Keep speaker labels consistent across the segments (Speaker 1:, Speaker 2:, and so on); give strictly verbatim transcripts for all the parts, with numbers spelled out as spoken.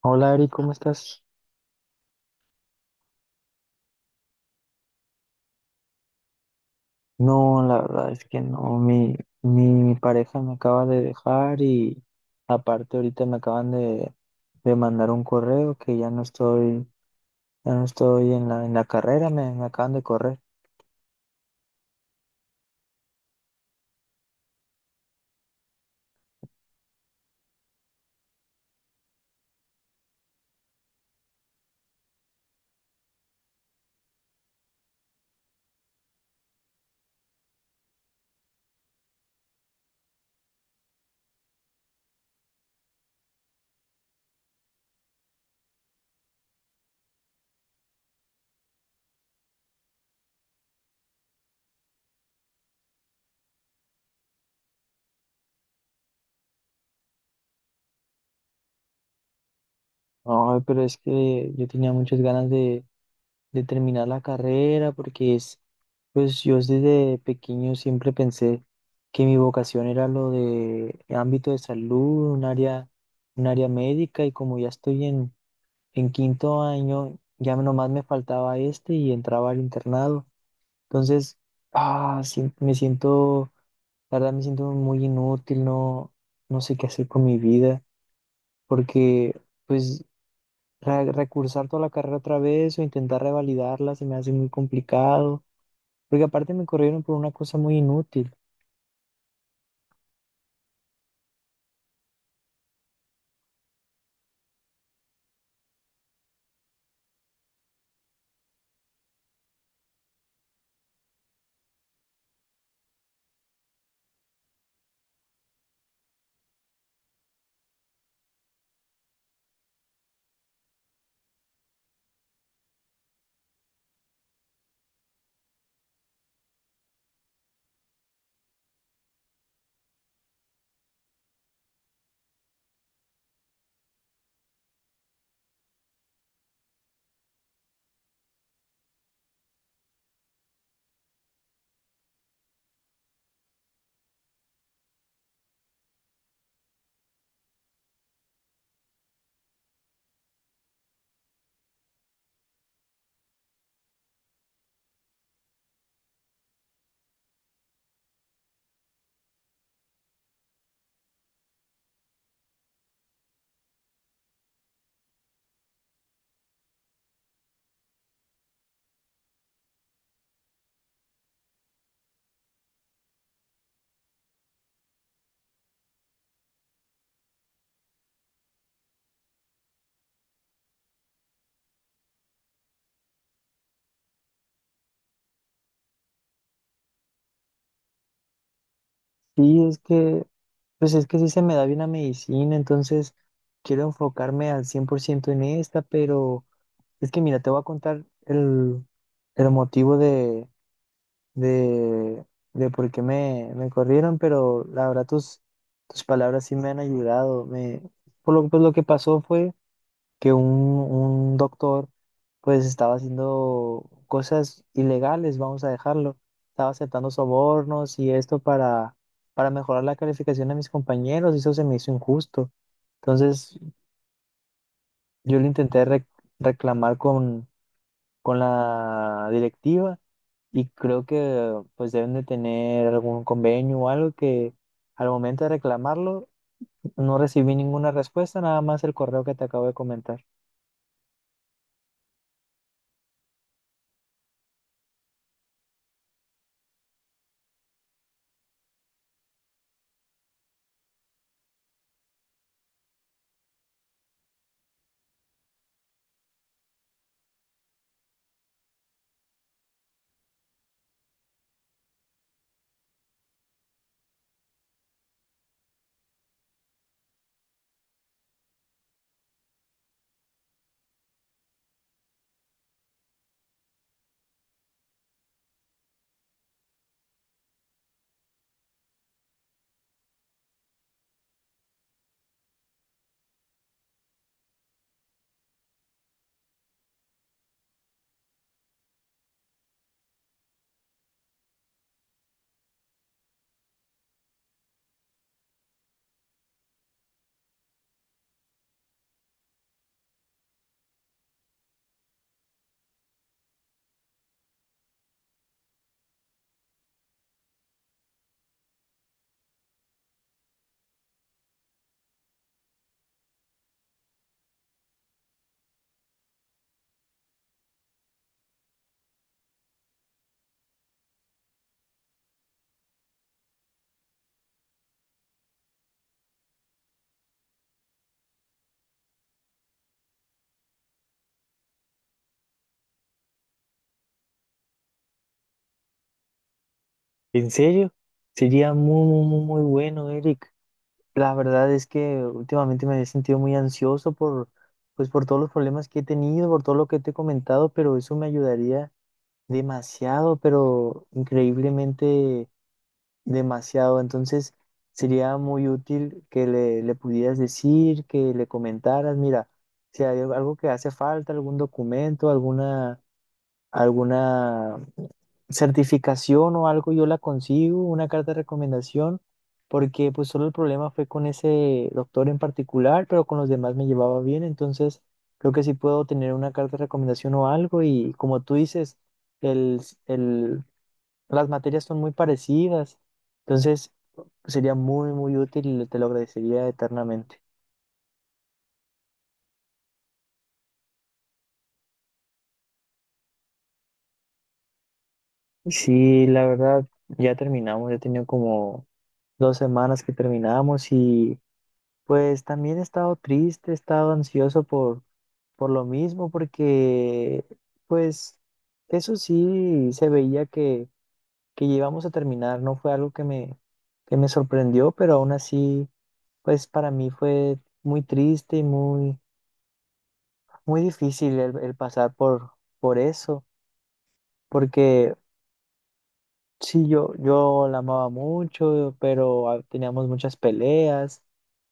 Speaker 1: Hola Ari, ¿cómo estás? No, la verdad es que no, mi, mi pareja me acaba de dejar y aparte ahorita me acaban de, de mandar un correo que ya no estoy, ya no estoy en la, en la carrera, me, me acaban de correr. No, pero es que yo tenía muchas ganas de, de terminar la carrera porque es, pues yo desde pequeño siempre pensé que mi vocación era lo de ámbito de salud, un área, un área médica y como ya estoy en En quinto año ya nomás me faltaba este y entraba al internado. Entonces, ah, sien- me siento, la verdad me siento muy inútil, no, no sé qué hacer con mi vida, porque pues re- recursar toda la carrera otra vez o intentar revalidarla se me hace muy complicado, porque aparte me corrieron por una cosa muy inútil. Sí, es que, pues es que sí se me da bien la medicina, entonces quiero enfocarme al cien por ciento en esta, pero... Es que mira, te voy a contar el, el motivo de, de, de por qué me, me corrieron, pero la verdad tus, tus palabras sí me han ayudado. Me, por lo, pues lo que pasó fue que un, un doctor pues estaba haciendo cosas ilegales, vamos a dejarlo. Estaba aceptando sobornos y esto para, para mejorar la calificación de mis compañeros, y eso se me hizo injusto. Entonces yo lo intenté re- reclamar con con la directiva y creo que pues deben de tener algún convenio o algo que al momento de reclamarlo no recibí ninguna respuesta, nada más el correo que te acabo de comentar. ¿En serio? Sería muy, muy, muy muy bueno, Eric. La verdad es que últimamente me he sentido muy ansioso por, pues, por todos los problemas que he tenido, por todo lo que te he comentado, pero eso me ayudaría demasiado, pero increíblemente demasiado. Entonces, sería muy útil que le, le pudieras decir, que le comentaras, mira, si hay algo que hace falta, algún documento, alguna, alguna certificación o algo, yo la consigo, una carta de recomendación, porque pues solo el problema fue con ese doctor en particular, pero con los demás me llevaba bien, entonces creo que sí puedo tener una carta de recomendación o algo y como tú dices, el, el las materias son muy parecidas, entonces sería muy, muy útil y te lo agradecería eternamente. Sí, la verdad, ya terminamos, ya he tenido como dos semanas que terminamos y pues también he estado triste, he estado ansioso por, por lo mismo, porque pues eso sí se veía que, que íbamos a terminar, no fue algo que me, que me sorprendió, pero aún así, pues para mí fue muy triste y muy muy difícil el, el pasar por, por eso, porque sí, yo, yo la amaba mucho, pero ah, teníamos muchas peleas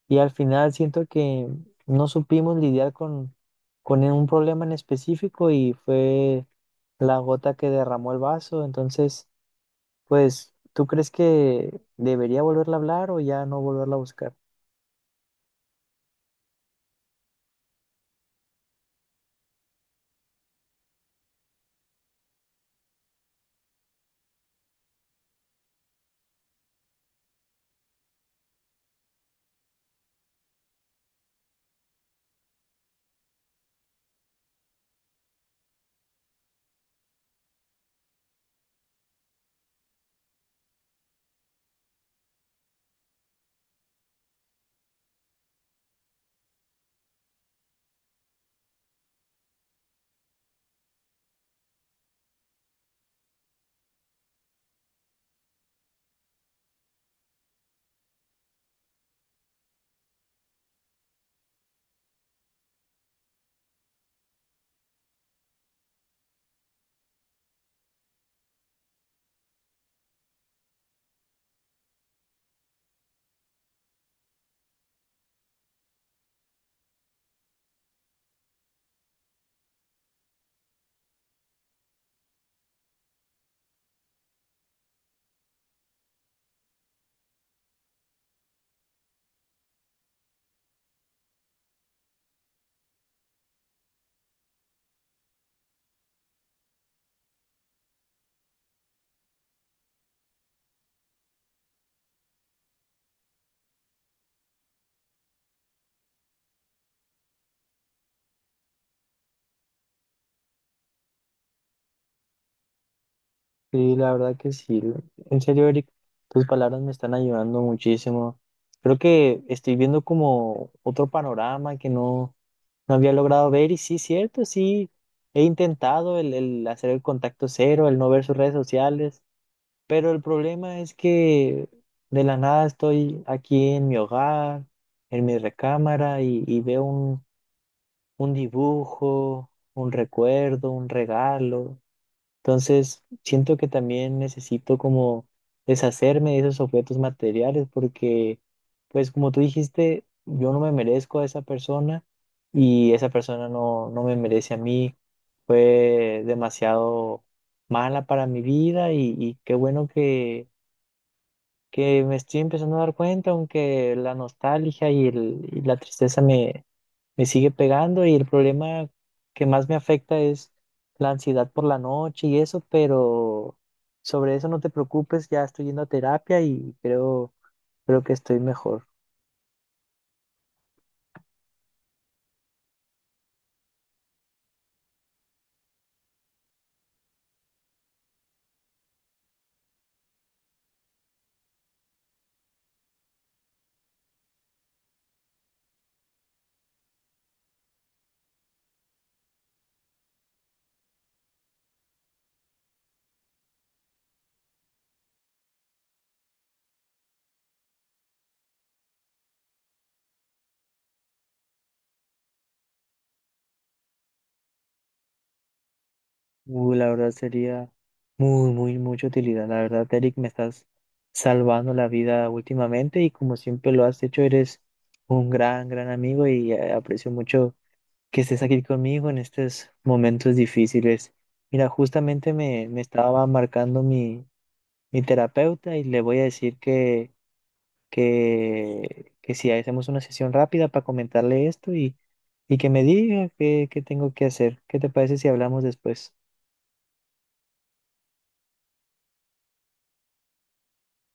Speaker 1: y al final siento que no supimos lidiar con, con un problema en específico y fue la gota que derramó el vaso. Entonces, pues, ¿tú crees que debería volverla a hablar o ya no volverla a buscar? Sí, la verdad que sí. En serio, Eric, tus palabras me están ayudando muchísimo. Creo que estoy viendo como otro panorama que no, no había logrado ver y sí, cierto, sí, he intentado el, el hacer el contacto cero, el no ver sus redes sociales, pero el problema es que de la nada estoy aquí en mi hogar, en mi recámara y, y veo un, un dibujo, un recuerdo, un regalo. Entonces, siento que también necesito como deshacerme de esos objetos materiales porque, pues como tú dijiste, yo no me merezco a esa persona y esa persona no, no me merece a mí. Fue demasiado mala para mi vida y, y qué bueno que, que me estoy empezando a dar cuenta, aunque la nostalgia y, el- y la tristeza me sigue pegando y el problema que más me afecta es la ansiedad por la noche y eso, pero sobre eso no te preocupes, ya estoy yendo a terapia y creo, creo que estoy mejor. Uh, la verdad sería muy, muy, mucha utilidad. La verdad, Eric, me estás salvando la vida últimamente y como siempre lo has hecho, eres un gran, gran amigo y eh, aprecio mucho que estés aquí conmigo en estos momentos difíciles. Mira, justamente me, me estaba marcando mi, mi terapeuta y le voy a decir que, que, que si hacemos una sesión rápida para comentarle esto y, y que me diga qué, qué tengo que hacer. ¿Qué te parece si hablamos después?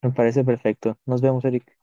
Speaker 1: Me parece perfecto. Nos vemos, Eric.